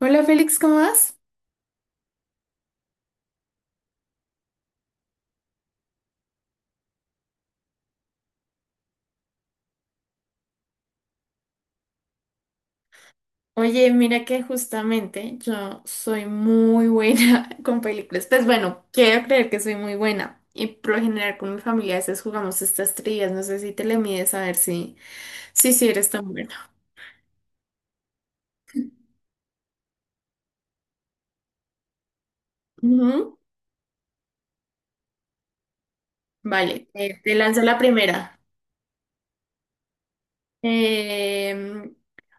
Hola Félix, ¿cómo vas? Oye, mira que justamente yo soy muy buena con películas. Pues bueno, quiero creer que soy muy buena. Y por lo general con mi familia a veces jugamos estas trillas. No sé si te le mides a ver si eres tan buena. Ujú. Vale, te lanzo la primera. Em,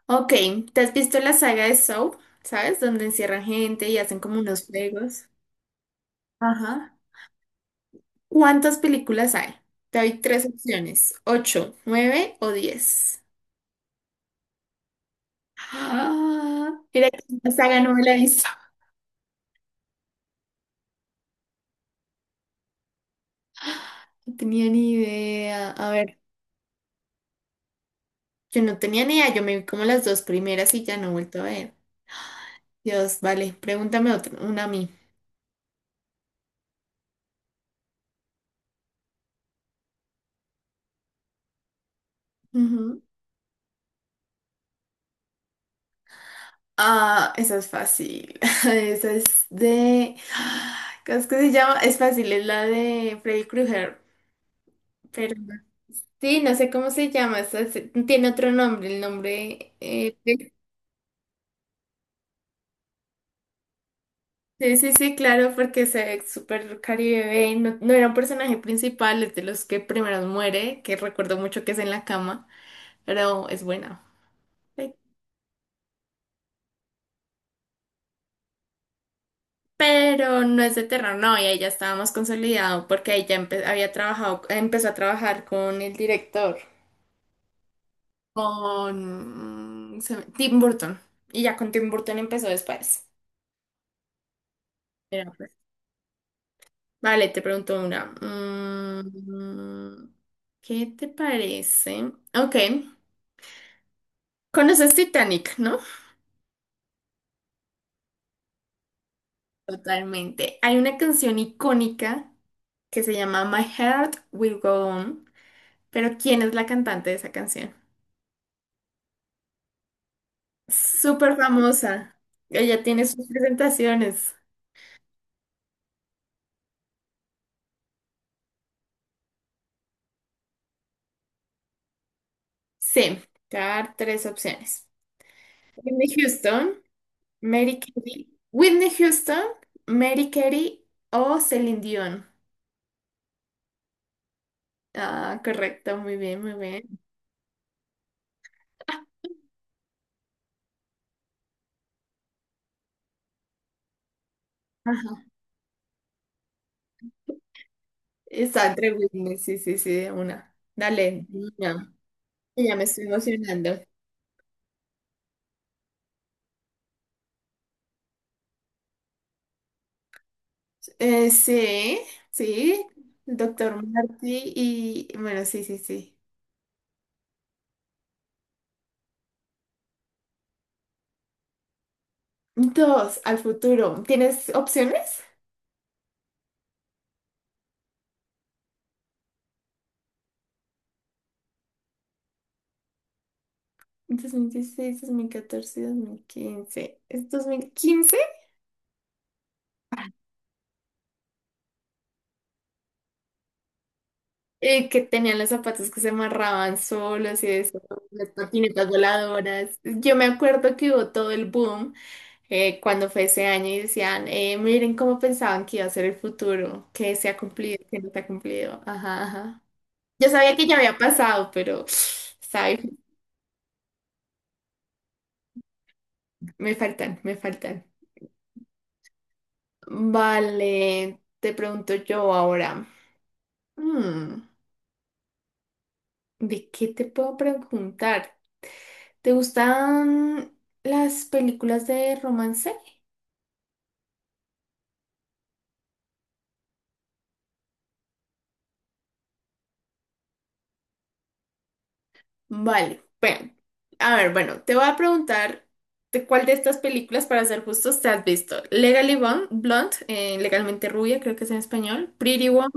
ok, ¿te has visto la saga de Saw? ¿Sabes? Donde encierran gente y hacen como unos juegos. Ajá. ¿Cuántas películas hay? Te doy tres opciones, ocho, nueve o 10. Ah, mira que esta saga no me la he visto. No tenía ni idea. A ver, yo no tenía ni idea. Yo me vi como las dos primeras y ya no he vuelto a ver. Dios, vale, pregúntame otra, una a mí. Ujú. Ah, esa es fácil. Esa es de... ¿Cómo es que se llama? Es fácil, es la de Freddy Krueger. Pero no, sí, no sé cómo se llama. Tiene otro nombre, el nombre. Sí, sí, sí, claro, porque se ve súper Caribe Bane, no, no era un personaje principal, es de los que primero muere, que recuerdo mucho que es en la cama, pero es buena. Ay, pero no es de terror, no, y ahí ya estábamos consolidado porque ahí ya había trabajado, empezó a trabajar con el director, con Tim Burton, y ya con Tim Burton empezó después. Mira, pues. Vale, te pregunto una. ¿Qué te parece? Ok. Conoces Titanic, ¿no? Totalmente. Hay una canción icónica que se llama My Heart Will Go On, pero ¿quién es la cantante de esa canción? Súper famosa. Ella tiene sus presentaciones. Sí, te voy a dar tres opciones. Whitney Houston, Mary Carey. Whitney Houston, Mary Carey o Celine Dion. Ah, correcto, muy bien, muy bien. Ajá. Está entre Whitney, sí, sí, sí, de una. Dale, de una. Ya me estoy emocionando. Sí, sí, doctor Marty y bueno, sí, sí, sí. Dos, al futuro. ¿Tienes opciones? Dos mil dieciséis, 2014, 2015. ¿Es 2015? Que tenían los zapatos que se amarraban solos y eso, las patinetas voladoras. Yo me acuerdo que hubo todo el boom cuando fue ese año y decían, miren cómo pensaban que iba a ser el futuro, que se ha cumplido, que no se ha cumplido. Ajá, ajá. Yo sabía que ya había pasado, pero sabes, me faltan, me faltan. Vale, te pregunto yo ahora. Mm, ¿De qué te puedo preguntar? ¿Te gustan las películas de romance? Vale, bueno, a ver, bueno, te voy a preguntar de cuál de estas películas, para ser justos, te has visto. Legally Blonde, Legalmente Rubia, creo que es en español, Pretty Woman.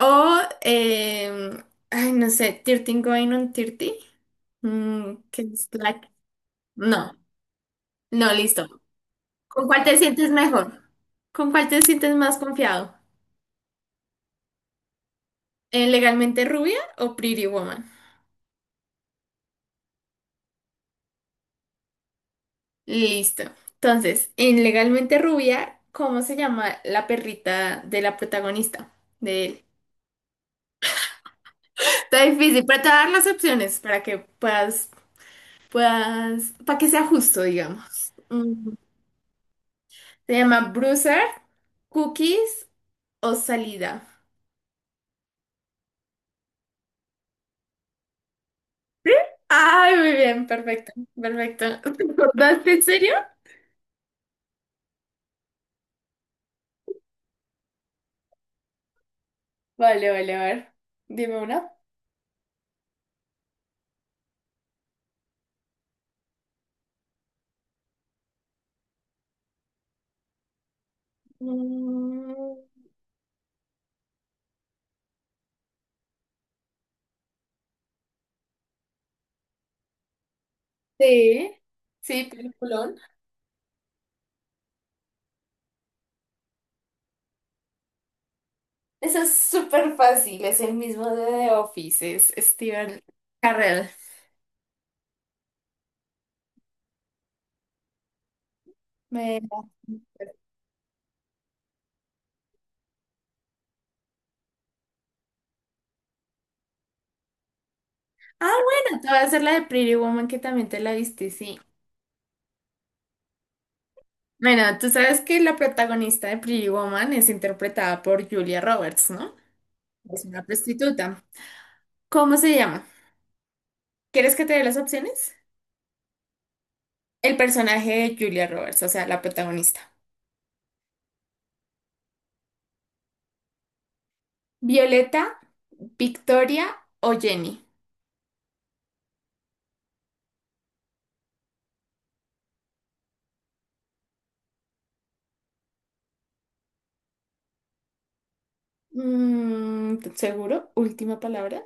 O, ay, no sé, Tirting Going on 30, que es like. No, no, listo. ¿Con cuál te sientes mejor? ¿Con cuál te sientes más confiado? ¿En Legalmente Rubia o Pretty Woman? Listo. Entonces, en Legalmente Rubia, ¿cómo se llama la perrita de la protagonista? De él. Está difícil, pero te voy a dar las opciones para que puedas, para que sea justo, digamos. Mm. Se llama Bruiser, Cookies o salida. Ay, muy bien, perfecto, perfecto. ¿Te acordaste en serio? Vale, vale, a ver. Dime una. Mm, sí, sí, peliculón. Eso es súper fácil, es el mismo de The Office, es Steven Carrell. Me- Ah, bueno, te voy a hacer la de Pretty Woman que también te la viste, sí. Bueno, tú sabes que la protagonista de Pretty Woman es interpretada por Julia Roberts, ¿no? Es una prostituta. ¿Cómo se llama? ¿Quieres que te dé las opciones? El personaje de Julia Roberts, o sea, la protagonista. Violeta, Victoria o Jenny. ¿Seguro? Última palabra.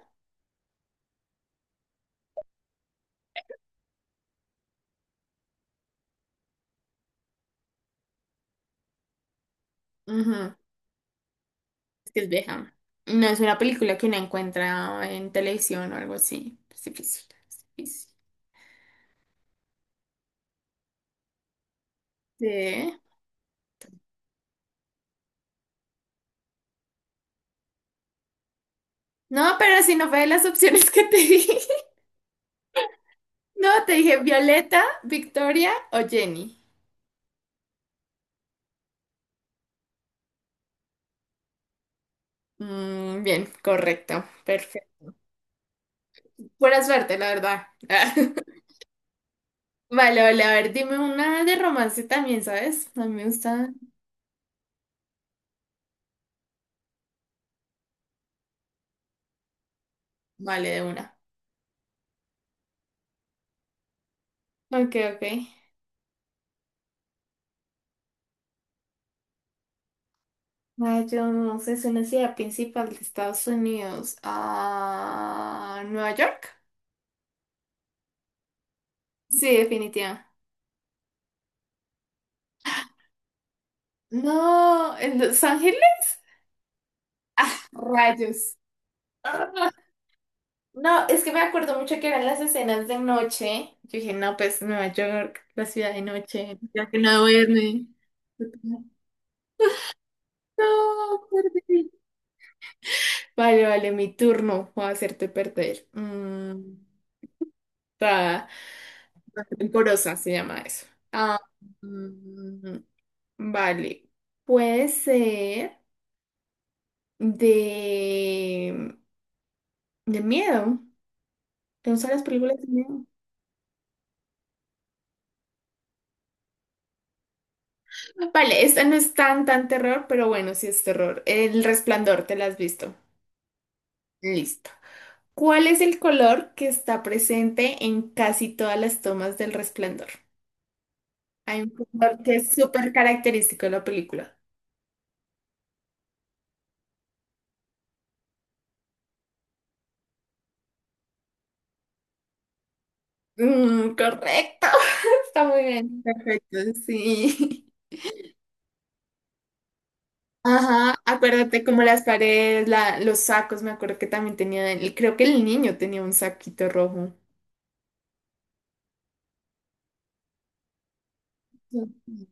Ujú, es que es vieja. No es una película que uno encuentra en televisión o algo así. Es difícil, es difícil. Sí. No, pero si no fue de las opciones que te di. No, te dije Violeta, Victoria o Jenny. Bien, correcto. Perfecto. Buena suerte, la verdad. Vale, vale, a ver, dime una de romance también, ¿sabes? A mí me gusta. Vale, de una. Ok, ok. Ah, yo no sé, es una ciudad principal de Estados Unidos. Ah, ¿Nueva York? Sí, definitiva. No, ¿en Los Ángeles? Rayos. Ah, no, es que me acuerdo mucho que eran las escenas de noche. Yo dije, no, pues Nueva York, la ciudad de noche, ya que no duerme. No, perdí. Vale, vale, mi turno. Voy a hacerte perder. Ta- Rencorosa se llama eso. Ah, mm, vale. Puede ser de, de, miedo. ¿Te gustan las películas de miedo? Vale, esta no es tan, tan terror, pero bueno, sí es terror. El resplandor, ¿te la has visto? Listo. ¿Cuál es el color que está presente en casi todas las tomas del resplandor? Hay un color que es súper característico de la película. Correcto, está muy bien. Perfecto, sí. Ajá, acuérdate como las paredes, los sacos, me acuerdo que también tenía, creo que el niño tenía un saquito rojo. Sí.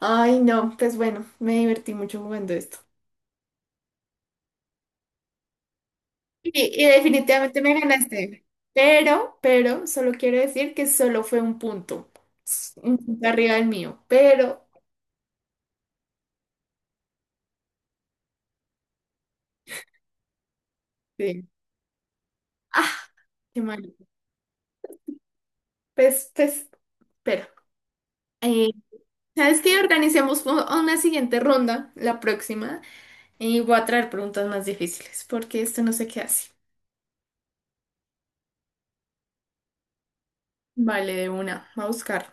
Ay, no, pues bueno, me divertí mucho jugando esto. Y, y definitivamente me ganaste. Pero, solo quiero decir que solo fue un punto. Un punto arriba del mío. Pero, sí. Ah, qué mal. Pues, pero. eh, ¿Sabes qué? Organicemos una siguiente ronda, la próxima, y voy a traer preguntas más difíciles, porque esto no se queda así. Vale, de una, va a buscar.